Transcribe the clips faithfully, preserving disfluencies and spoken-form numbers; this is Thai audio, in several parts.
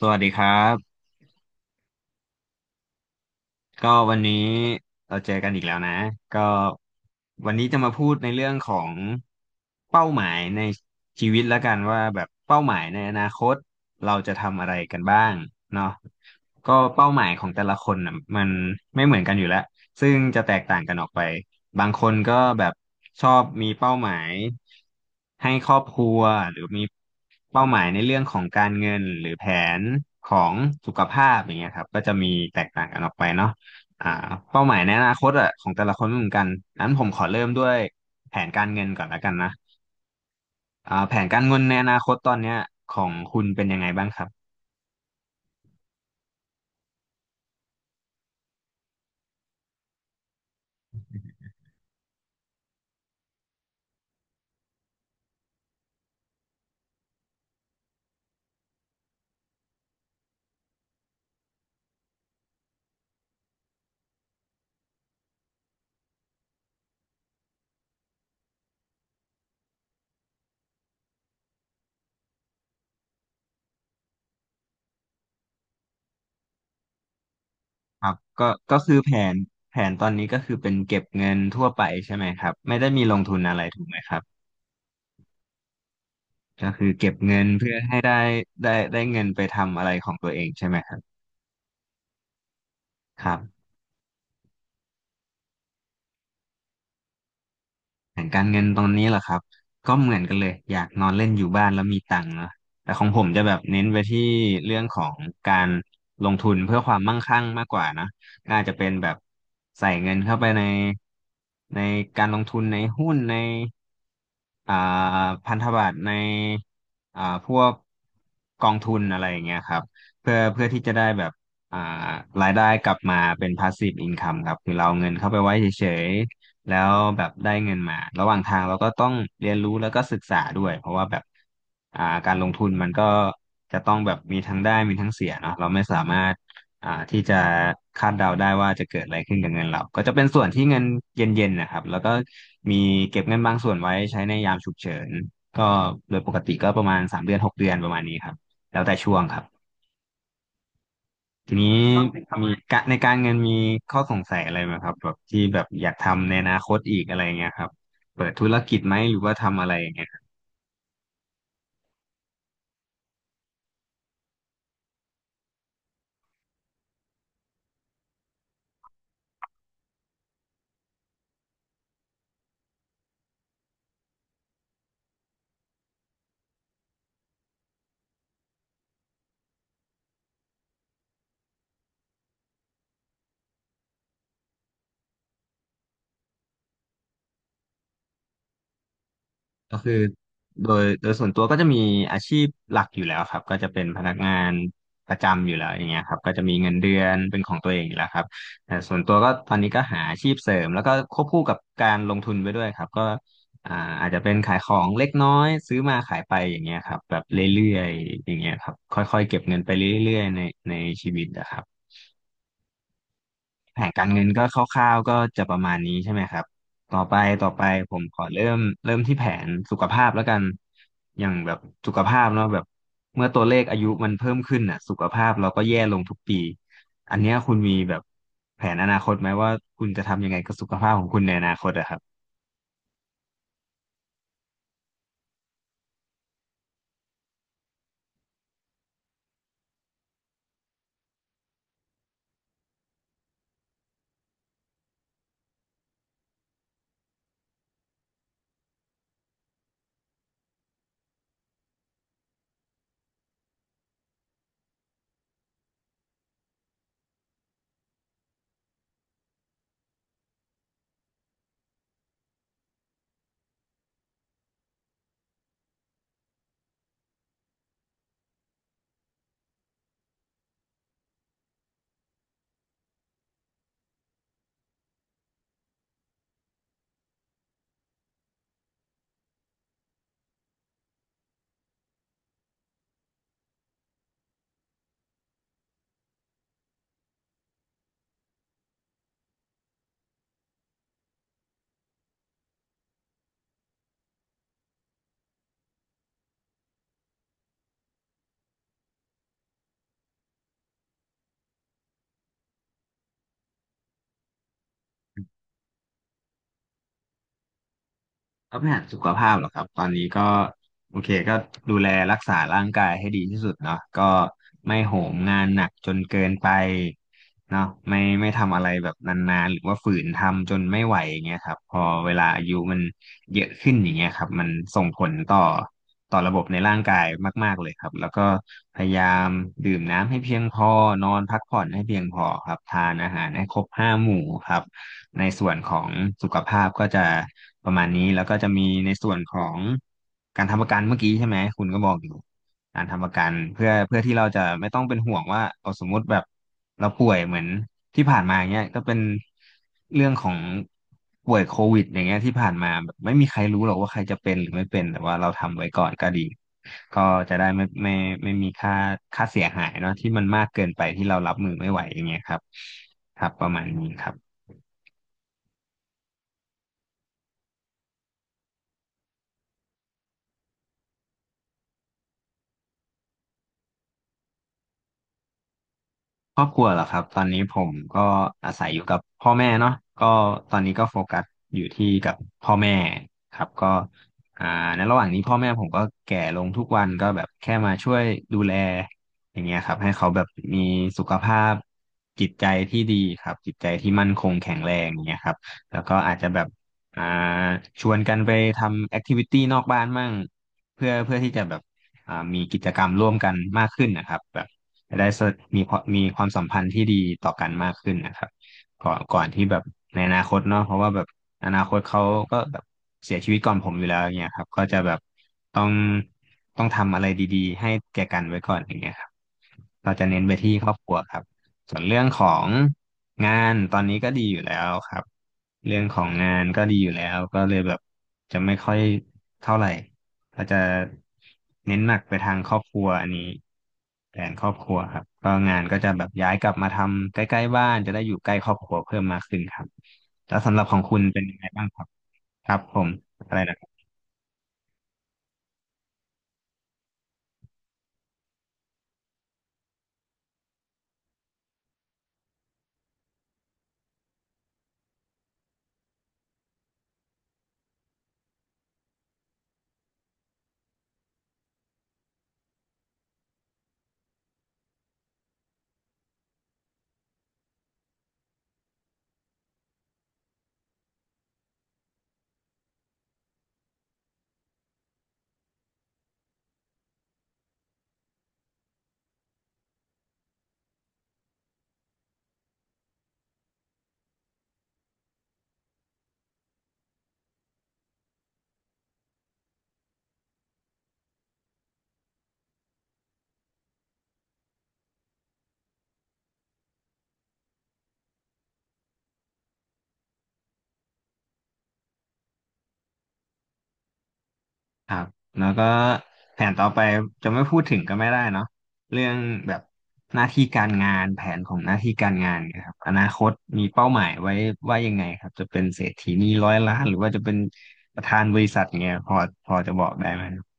สวัสดีครับ ก็วันนี้เราเจอกันอีกแล้วนะก็วันนี้จะมาพูดในเรื่องของเป้าหมายในชีวิตแล้วกันว่าแบบเป้าหมายในอนาคตเราจะทำอะไรกันบ้างเนาะก็เป้าหมายของแต่ละคนน่ะมันไม่เหมือนกันอยู่แล้วซึ่งจะแตกต่างกันออกไปบางคนก็แบบชอบมีเป้าหมายให้ครอบครัวหรือมีเป้าหมายในเรื่องของการเงินหรือแผนของสุขภาพอย่างเงี้ยครับก็จะมีแตกต่างกันออกไปเนาะ อ่าเป้าหมายในอนาคตอ่ะของแต่ละคนไม่เหมือนกันนั้นผมขอเริ่มด้วยแผนการเงินก่อนและกันนะอ่าแผนการเงินในอนาคตตอนเนี้ยของคุณเป็นยังไงบ้างครับครับก็ก็คือแผนแผนตอนนี้ก็คือเป็นเก็บเงินทั่วไปใช่ไหมครับไม่ได้มีลงทุนอะไรถูกไหมครับก็คือเก็บเงินเพื่อให้ได้ได้ได้เงินไปทำอะไรของตัวเองใช่ไหมครับครับ แผนการเงินตรงนี้เหรอครับก็เหมือนกันเลยอยากนอนเล่นอยู่บ้านแล้วมีตังค์เนาะแต่ของผมจะแบบเน้นไปที่เรื่องของการลงทุนเพื่อความมั่งคั่งมากกว่านะก็อาจจะเป็นแบบใส่เงินเข้าไปในในการลงทุนในหุ้นในอ่าพันธบัตรในอ่าพวกกองทุนอะไรอย่างเงี้ยครับเพื่อเพื่อที่จะได้แบบอ่ารายได้กลับมาเป็น passive income ครับคือเราเอาเงินเข้าไปไว้เฉยๆ แล้วแบบได้เงินมาระหว่างทางเราก็ต้องเรียนรู้แล้วก็ศึกษาด้วยเพราะว่าแบบอ่าการลงทุนมันก็จะต้องแบบมีทั้งได้มีทั้งเสียเนาะเราไม่สามารถอ่าที่จะคาดเดาได้ว่าจะเกิดอะไรขึ้นกับเงินเราก็จะเป็นส่วนที่เงินเย็นๆนะครับแล้วก็มีเก็บเงินบางส่วนไว้ใช้ในยามฉุกเฉินก็โดยปกติก็ประมาณสามเดือนหกเดือนประมาณนี้ครับแล้วแต่ช่วงครับ ทีนี้มีกะในการเงินมีข้อสงสัยอะไรไหมครับแบบที่แบบอยากทำในอนาคตอีกอะไรเงี้ยครับเปิดธุรกิจไหมหรือว่าทำอะไรยังไง ก็คือโดยโดยส่วนตัวก็จะมีอาชีพหลักอยู่แล้วครับก็จะเป็นพนักงานประจำอยู่แล้วอย่างเงี้ยครับก็จะมีเงินเดือนเป็นของตัวเองอยู่แล้วครับแต่ส่วนตัวก็ตอนนี้ก็หาอาชีพเสริมแล้วก็ควบคู่กับการลงทุนไปด้วยครับก็อ่าอาจจะเป็นขายของเล็กน้อยซื้อมาขายไปอย่างเงี้ยครับแบบเรื่อยๆอย่างเงี้ยครับค่อยๆเก็บเงินไปเรื่อยๆในในชีวิตนะครับ แผนการเงินก็คร่าวๆก็จะประมาณนี้ใช่ไหมครับต่อไปต่อไปผมขอเริ่มเริ่มที่แผนสุขภาพแล้วกันอย่างแบบสุขภาพเนาะแบบเมื่อตัวเลขอายุมันเพิ่มขึ้นอ่ะสุขภาพเราก็แย่ลงทุกปีอันเนี้ยคุณมีแบบแผนอนาคตไหมว่าคุณจะทำยังไงกับสุขภาพของคุณในอนาคตอะครับ ก็ปัญหาสุขภาพเหรอครับตอนนี้ก็โอเคก็ดูแลรักษาร่างกายให้ดีที่สุดเนาะก็ไม่โหมงานหนักจนเกินไปเนาะไม่ไม่ทำอะไรแบบนานๆหรือว่าฝืนทำจนไม่ไหวอย่างเงี้ยครับพอเวลาอายุมันเยอะขึ้นอย่างเงี้ยครับมันส่งผลต่อต่อระบบในร่างกายมากๆเลยครับแล้วก็พยายามดื่มน้ำให้เพียงพอนอนพักผ่อนให้เพียงพอครับทานอาหารให้ครบห้าหมู่ครับ ในส่วนของสุขภาพก็จะประมาณนี้แล้วก็จะมีในส่วนของการทำประกันเมื่อกี้ใช่ไหมคุณก็บอกอยู่การทำประกันเพื่อเพื่อที่เราจะไม่ต้องเป็นห่วงว่าเอาสมมุติแบบเราป่วยเหมือนที่ผ่านมาอย่างเงี้ยก็เป็นเรื่องของป่วยโควิดอย่างเงี้ยที่ผ่านมาแบบไม่มีใครรู้หรอกว่าใครจะเป็นหรือไม่เป็นแต่ว่าเราทำไว้ก่อนก็ดีก็จะได้ไม่ไม่ไม่มีค่าค่าเสียหายเนาะที่มันมากเกินไปที่เรารับมือไม่ไหวอย่างเงี้ยครับครับประมาณนี้ครับ ครอบครัวเหรอครับตอนนี้ผมก็อาศัยอยู่กับพ่อแม่เนาะก็ตอนนี้ก็โฟกัสอยู่ที่กับพ่อแม่ครับก็อ่าในระหว่างนี้พ่อแม่ผมก็แก่ลงทุกวันก็แบบแค่มาช่วยดูแลอย่างเงี้ยครับให้เขาแบบมีสุขภาพจิตใจที่ดีครับจิตใจที่มั่นคงแข็งแรงอย่างเงี้ยครับแล้วก็อาจจะแบบอ่าชวนกันไปทำแอคทิวิตี้นอกบ้านมั่งเพื่อเพื่อที่จะแบบอ่ามีกิจกรรมร่วมกันมากขึ้นนะครับแบบ จะได้มีความมีความสัมพันธ์ที่ดีต่อกันมากขึ้นนะครับก่อนก่อนที่แบบในอนาคตเนาะเพราะว่าแบบอนาคตเขาก็แบบเสียชีวิตก่อนผมอยู่แล้วอย่างเงี้ยครับก็จะแบบต้องต้องทำอะไรดีๆให้แก่กันไว้ก่อนอย่างเงี้ยครับเราจะเน้นไปที่ครอบครัวครับส่วนเรื่องของงานตอนนี้ก็ดีอยู่แล้วครับเรื่องของงานก็ดีอยู่แล้วก็เลยแบบจะไม่ค่อยเท่าไหร่ เราจะเน้นหนักไปทางครอบครัวอันนี้แผนครอบครัวครับก็งานก็จะแบบย้ายกลับมาทำใกล้ๆบ้านจะได้อยู่ใกล้ครอบครัวเพิ่มมากขึ้นครับแล้วสำหรับของคุณเป็นยังไงบ้างครับครับผมอะไรนะครับครับแล้วก็แผนต่อไปจะไม่พูดถึงก็ไม่ได้เนาะเรื่องแบบหน้าที่การงานแผนของหน้าที่การงานนะครับอนาคตมีเป้าหมายไว้ว่ายังไงครับจะเป็นเศรษฐีนีร้อยล้านหรือว่าจะเป็นประธานบริษัทเงี้ยพอพอจะบอกได้ไหมค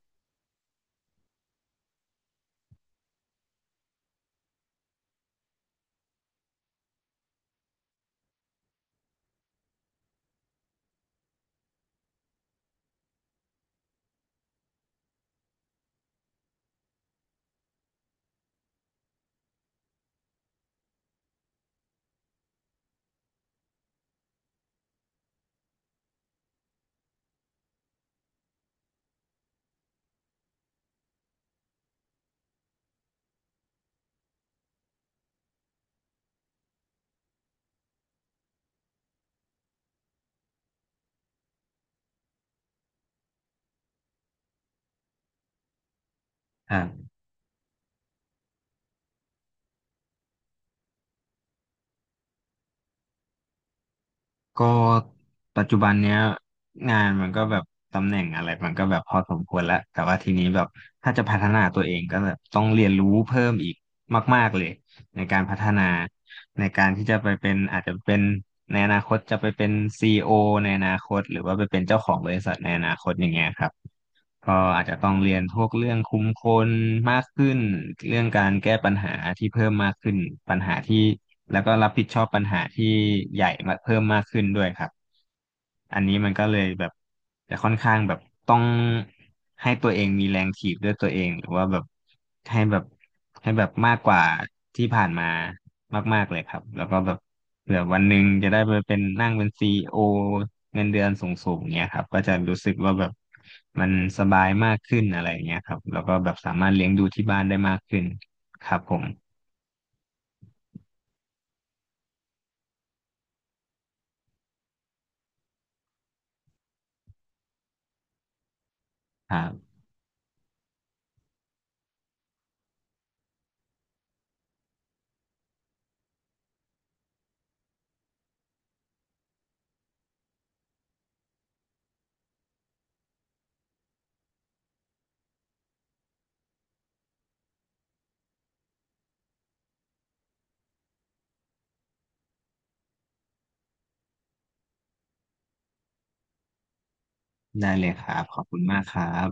รับ ก็ปัจจุบันเนี้ยงานมันก็แบบตำแหน่งอะไรมันก็แบบพอสมควรแล้วแต่ว่าทีนี้แบบถ้าจะพัฒนาตัวเองก็แบบต้องเรียนรู้เพิ่มอีกมากๆเลยในการพัฒนาในการที่จะไปเป็นอาจจะเป็นในอนาคตจะไปเป็นซีอีโอในอนาคตหรือว่าไปเป็นเจ้าของบริษัทในอนาคตอย่างเงี้ยครับ ก็อาจจะต้องเรียนพวกเรื่องคุมคนมากขึ้นเรื่องการแก้ปัญหาที่เพิ่มมากขึ้นปัญหาที่แล้วก็รับผิดชอบปัญหาที่ใหญ่มาเพิ่มมากขึ้นด้วยครับอันนี้มันก็เลยแบบจะค่อนข้างแบบต้องให้ตัวเองมีแรงถีบด้วยตัวเองหรือว่าแบบให้แบบให้แบบมากกว่าที่ผ่านมามากๆเลยครับแล้วก็แบบเผื่อวันหนึ่งจะได้ไปเป็นนั่งเป็นซีอีโอเงินเดือนสูงๆเงี้ยครับก็จะรู้สึกว่าแบบ มันสบายมากขึ้นอะไรอย่างเงี้ยครับแล้วก็แบบสามารถเลี้ยงดูที่บ้านได้มากขึ้นครับผมครับได้เลยครับขอบคุณมากครับ